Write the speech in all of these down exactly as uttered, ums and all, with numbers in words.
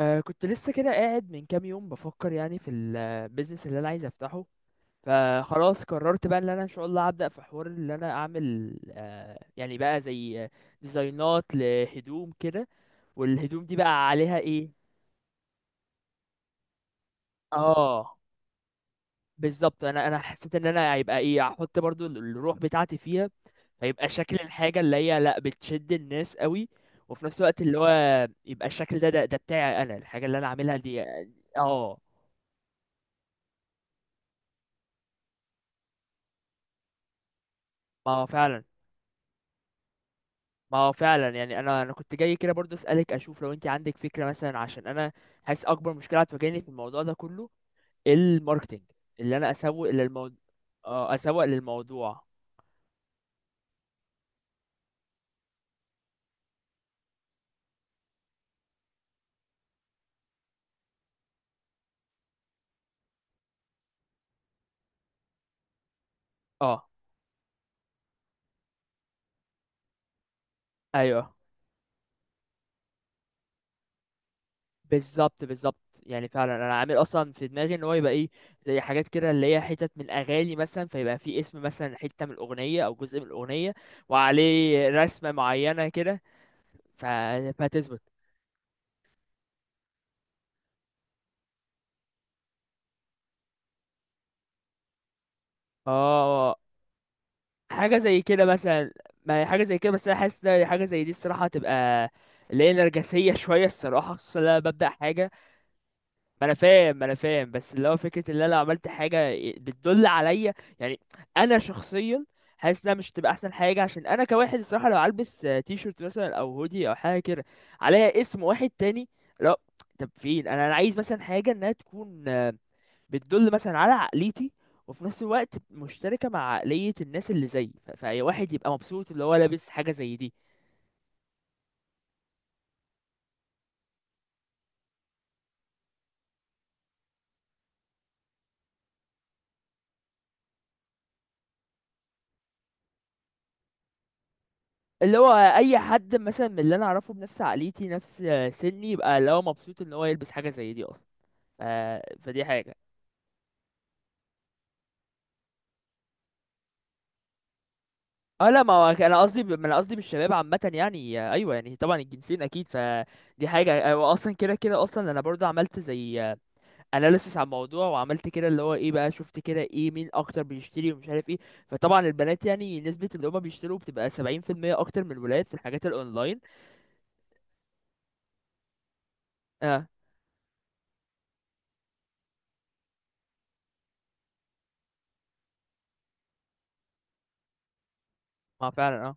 أه كنت لسه كده قاعد من كام يوم بفكر يعني في البيزنس اللي انا عايز افتحه. فخلاص قررت بقى ان انا ان شاء الله هبدأ في حوار اللي انا اعمل أه يعني بقى زي آه، ديزاينات لهدوم كده. والهدوم دي بقى عليها ايه؟ اه، بالظبط انا انا حسيت ان انا هيبقى ايه، هحط برضو ال- الروح بتاعتي فيها. هيبقى شكل الحاجة اللي هي لا بتشد الناس قوي، وفي نفس الوقت اللي هو يبقى الشكل ده ده, ده بتاعي انا، الحاجة اللي انا عاملها دي. اه، ما هو فعلا، ما هو فعلا. يعني انا انا كنت جاي كده برضه اسالك اشوف لو انت عندك فكره مثلا، عشان انا حاسس اكبر مشكله هتواجهني في الموضوع ده كله الماركتينج، اللي انا اسوق للموضوع. اه، اسوق للموضوع. اه، ايوه، بالظبط بالظبط. يعني فعلا انا عامل اصلا في دماغي ان هو يبقى ايه، زي حاجات كده اللي هي حتت من اغاني مثلا، فيبقى في اسم مثلا حته من الاغنيه او جزء من الاغنيه وعليه رسمه معينه كده. ف... فهتثبت. اه، حاجة زي كده مثلا. ما هي حاجة زي كده، بس أنا حاسس إن حاجة زي دي الصراحة هتبقى اللي هي نرجسية شوية الصراحة، خصوصا لما ببدأ حاجة. ما أنا فاهم ما أنا فاهم بس اللي هو فكرة إن أنا لو عملت حاجة بتدل عليا، يعني أنا شخصيا حاسس إنها مش هتبقى أحسن حاجة، عشان أنا كواحد الصراحة لو هلبس آه، تي شيرت مثلا أو هودي أو حاجة كده عليها اسم واحد تاني، لا. طب فين؟ أنا أنا عايز مثلا حاجة إنها تكون بتدل مثلا على عقليتي، وفي نفس الوقت مشتركة مع عقلية الناس اللي زيي، ف- فأي واحد يبقى مبسوط اللي هو لابس حاجة زي دي. اللي هو أي حد مثلا من اللي أنا أعرفه بنفس عقليتي، نفس آه، سني، يبقى اللي هو مبسوط إن هو يلبس حاجة زي دي أصلا. ف... فدي حاجة. اه، لا، ما هو انا قصدي ب- ما انا قصدي بالشباب عامه، يعني آه، ايوه، يعني طبعا الجنسين اكيد. فدي حاجه، آه، واصلا كده كده اصلا انا برضو عملت زي اناليسس على الموضوع، وعملت كده اللي هو ايه بقى، شفت كده ايه مين اكتر بيشتري ومش عارف ايه. فطبعا البنات يعني نسبة اللي هما بيشتروا بتبقى سبعين في المية، اكتر من الولاد في الحاجات الاونلاين. اه، ما فعلا، اه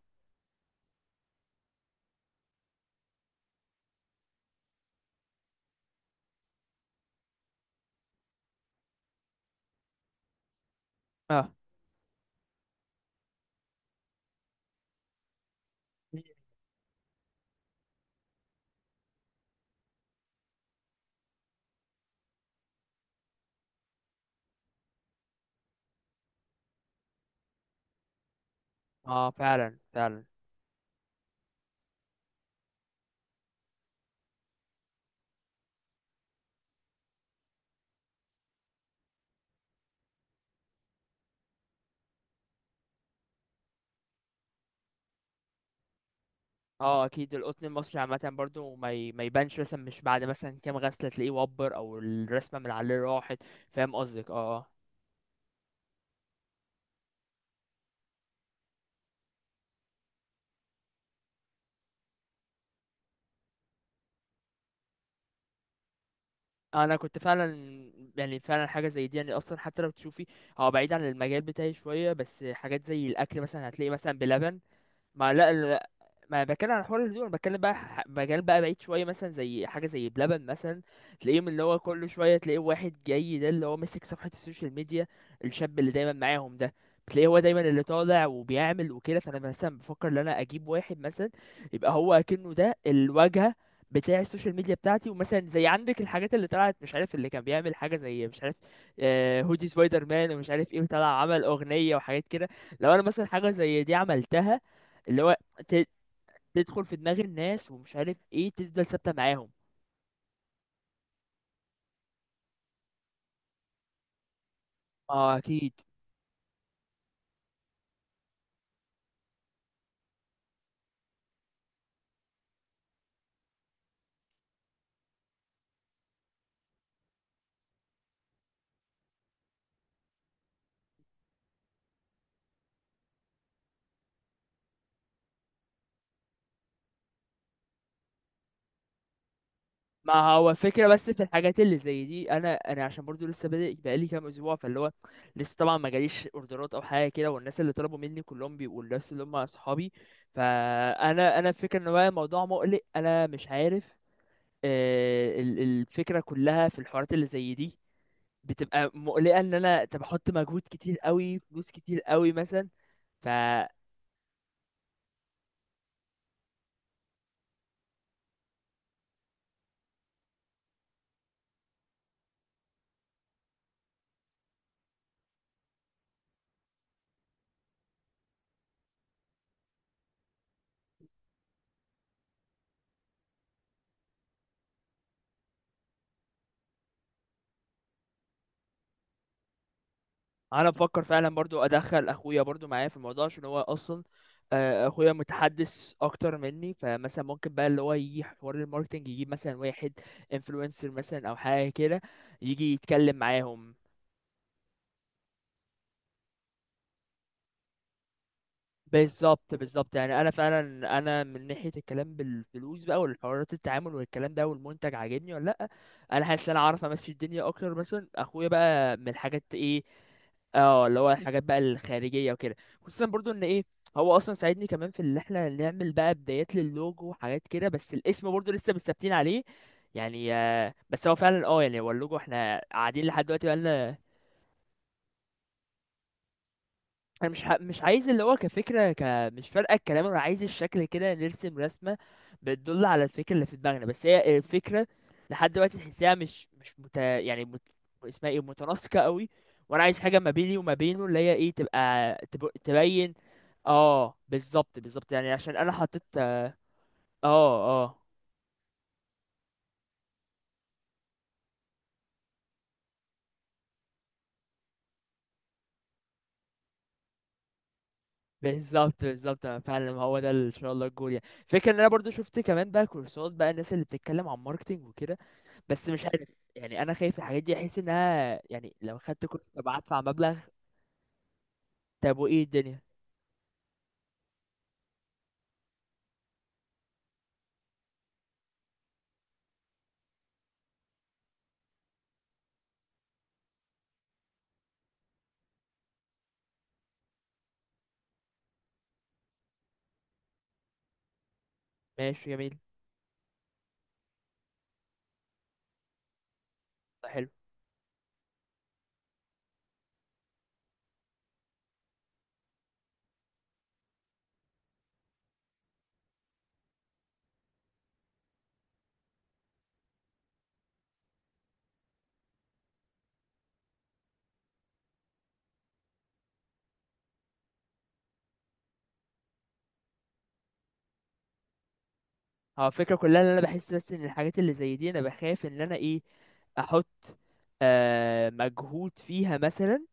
اه. اه، فعلا فعلا. اه، اكيد القطن المصري عامة برضو ما ي... ما يبانش، مثلا مش بعد مثلا كام غسلة تلاقيه وبر، او الرسمة من عليه راحت. فاهم قصدك، اه. اه، انا كنت فعلا، يعني فعلا حاجه زي دي يعني، اصلا حتى لو تشوفي هو بعيد عن المجال بتاعي شويه، بس حاجات زي الاكل مثلا هتلاقي مثلا بلبن. ما لا ال- ما بتكلم عن حوار الهدوم، انا بتكلم بقى ح- مجال بقى بعيد شويه، مثلا زي حاجه زي بلبن مثلا. تلاقيهم اللي هو كل شويه تلاقيه واحد جاي ده اللي هو ماسك صفحه السوشيال ميديا، الشاب اللي دايما معاهم ده، بتلاقيه هو دايما اللي طالع وبيعمل وكده. فانا مثلا بفكر ان انا اجيب واحد مثلا يبقى هو اكنه ده الواجهه بتاع السوشيال ميديا بتاعتي. ومثلا زي عندك الحاجات اللي طلعت مش عارف، اللي كان بيعمل حاجه زي مش عارف آه، هودي سبايدر مان ومش عارف ايه، وطلع عمل اغنيه وحاجات كده. لو انا مثلا حاجه زي دي عملتها، اللي هو تدخل في دماغ الناس ومش عارف ايه، تفضل ثابته معاهم. اه، اكيد. ما هو فكرة بس في الحاجات اللي زي دي، انا انا عشان برضو لسه بادئ بقالي كام اسبوع، فاللي هو لسه طبعا ما جاليش اوردرات او حاجه كده، والناس اللي طلبوا مني كلهم بيبقوا الناس اللي هم اصحابي. فانا انا الفكره ان هو الموضوع مقلق، انا مش عارف. آه، ال- الفكره كلها في الحوارات اللي زي دي بتبقى مقلقه، ان انا طب احط مجهود كتير قوي، فلوس كتير قوي مثلا. انا بفكر فعلا برضو ادخل اخويا برضو معايا في الموضوع، عشان هو اصلا آه، اخويا متحدث اكتر مني. فمثلا ممكن بقى اللي هو يجي حوار الماركتنج يجيب مثلا واحد انفلونسر مثلا او حاجه كده يجي يتكلم معاهم. بالظبط بالظبط. يعني انا فعلا انا من ناحيه الكلام بالفلوس بقى والحوارات التعامل والكلام ده، والمنتج عاجبني ولا لا، انا حاسس ان انا عارف امشي الدنيا اكتر مثلا اخويا بقى من الحاجات ايه. اه، اللي هو الحاجات بقى الخارجيه وكده، خصوصا برضو ان ايه، هو اصلا ساعدني كمان في اللي احنا نعمل بقى بدايات للوجو وحاجات كده، بس الاسم برضو لسه مش ثابتين عليه. يعني آه، بس هو فعلا اه، يعني هو اللوجو احنا قاعدين لحد دلوقتي بقى. انا مش ح... مش عايز اللي هو كفكره ك... مش فارقه الكلام. انا عايز الشكل كده، نرسم رسمه بتدل على الفكره اللي في دماغنا، بس هي الفكره لحد دلوقتي تحسها مش مش مت... يعني مت... اسمها ايه، متناسقه قوي. وانا عايز حاجه ما بيني وما بينه اللي هي ايه، تبقى تب... تبين. اه، بالظبط بالظبط. يعني عشان انا حطيت اه. اه، بالظبط بالظبط. أنا فعلا ما هو ده ال- ان شاء الله الجول. يعني فكرة ان انا برضو شفت كمان بقى كورسات، بقى الناس اللي بتتكلم عن ماركتينج وكده، بس مش عارف. يعني انا خايف الحاجات دي، احس انها يعني لو خدت كورس طب هدفع مبلغ. طب وايه الدنيا؟ ماشي، جميل. ده حلو. هو الفكرة كلها ان انا بحس بس ان الحاجات اللي زي دي انا بخاف ان انا ايه، احط آه مجهود فيها مثلا.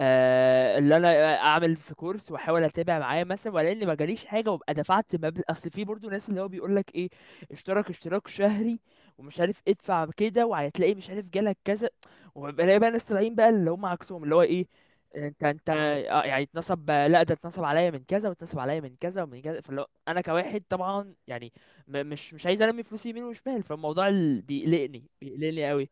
آه، اللي انا اعمل في كورس واحاول اتابع معاه مثلا، ولا اني ما جاليش حاجه وابقى دفعت مبلغ. اصل في برضو ناس اللي هو بيقول لك ايه، اشترك اشتراك شهري ومش عارف، ادفع كده وهتلاقي مش عارف جالك كذا. وبلاقي بقى ناس طالعين بقى اللي هم عكسهم اللي هو ايه، انت انت آه، يعني اتنصب، لا، ده اتنصب عليا من كذا واتنصب عليا من كذا ومن كذا. فاللي هو انا كواحد طبعا يعني م- مش مش عايز ارمي فلوسي يمين وشمال. فالموضوع ال- بيقلقني بيقلقني قوي.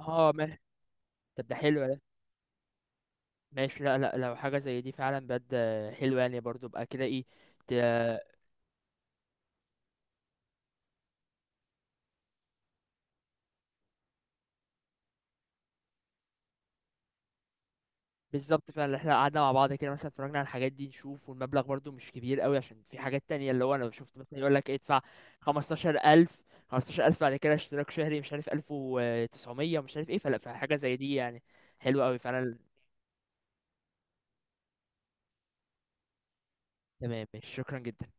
اه، ما طب ده حلو. ماشي، لا لا، لو حاجة زي دي فعلا بجد حلوة، يعني برضو ابقى كده ايه. ت- بالظبط. فعلا احنا قعدنا مع بعض كده مثلا، اتفرجنا على الحاجات دي نشوف، والمبلغ برضو مش كبير قوي، عشان في حاجات تانية اللي هو انا شفت مثلا يقول لك ادفع خمستاشر الف، خمستاشر الف بعد كده اشتراك شهري مش عارف الف وتسعمية ومش عارف ايه، فلا، فحاجة زي دي يعني حلوة قوي فعلا. تمام، ماشي، شكرا جدا.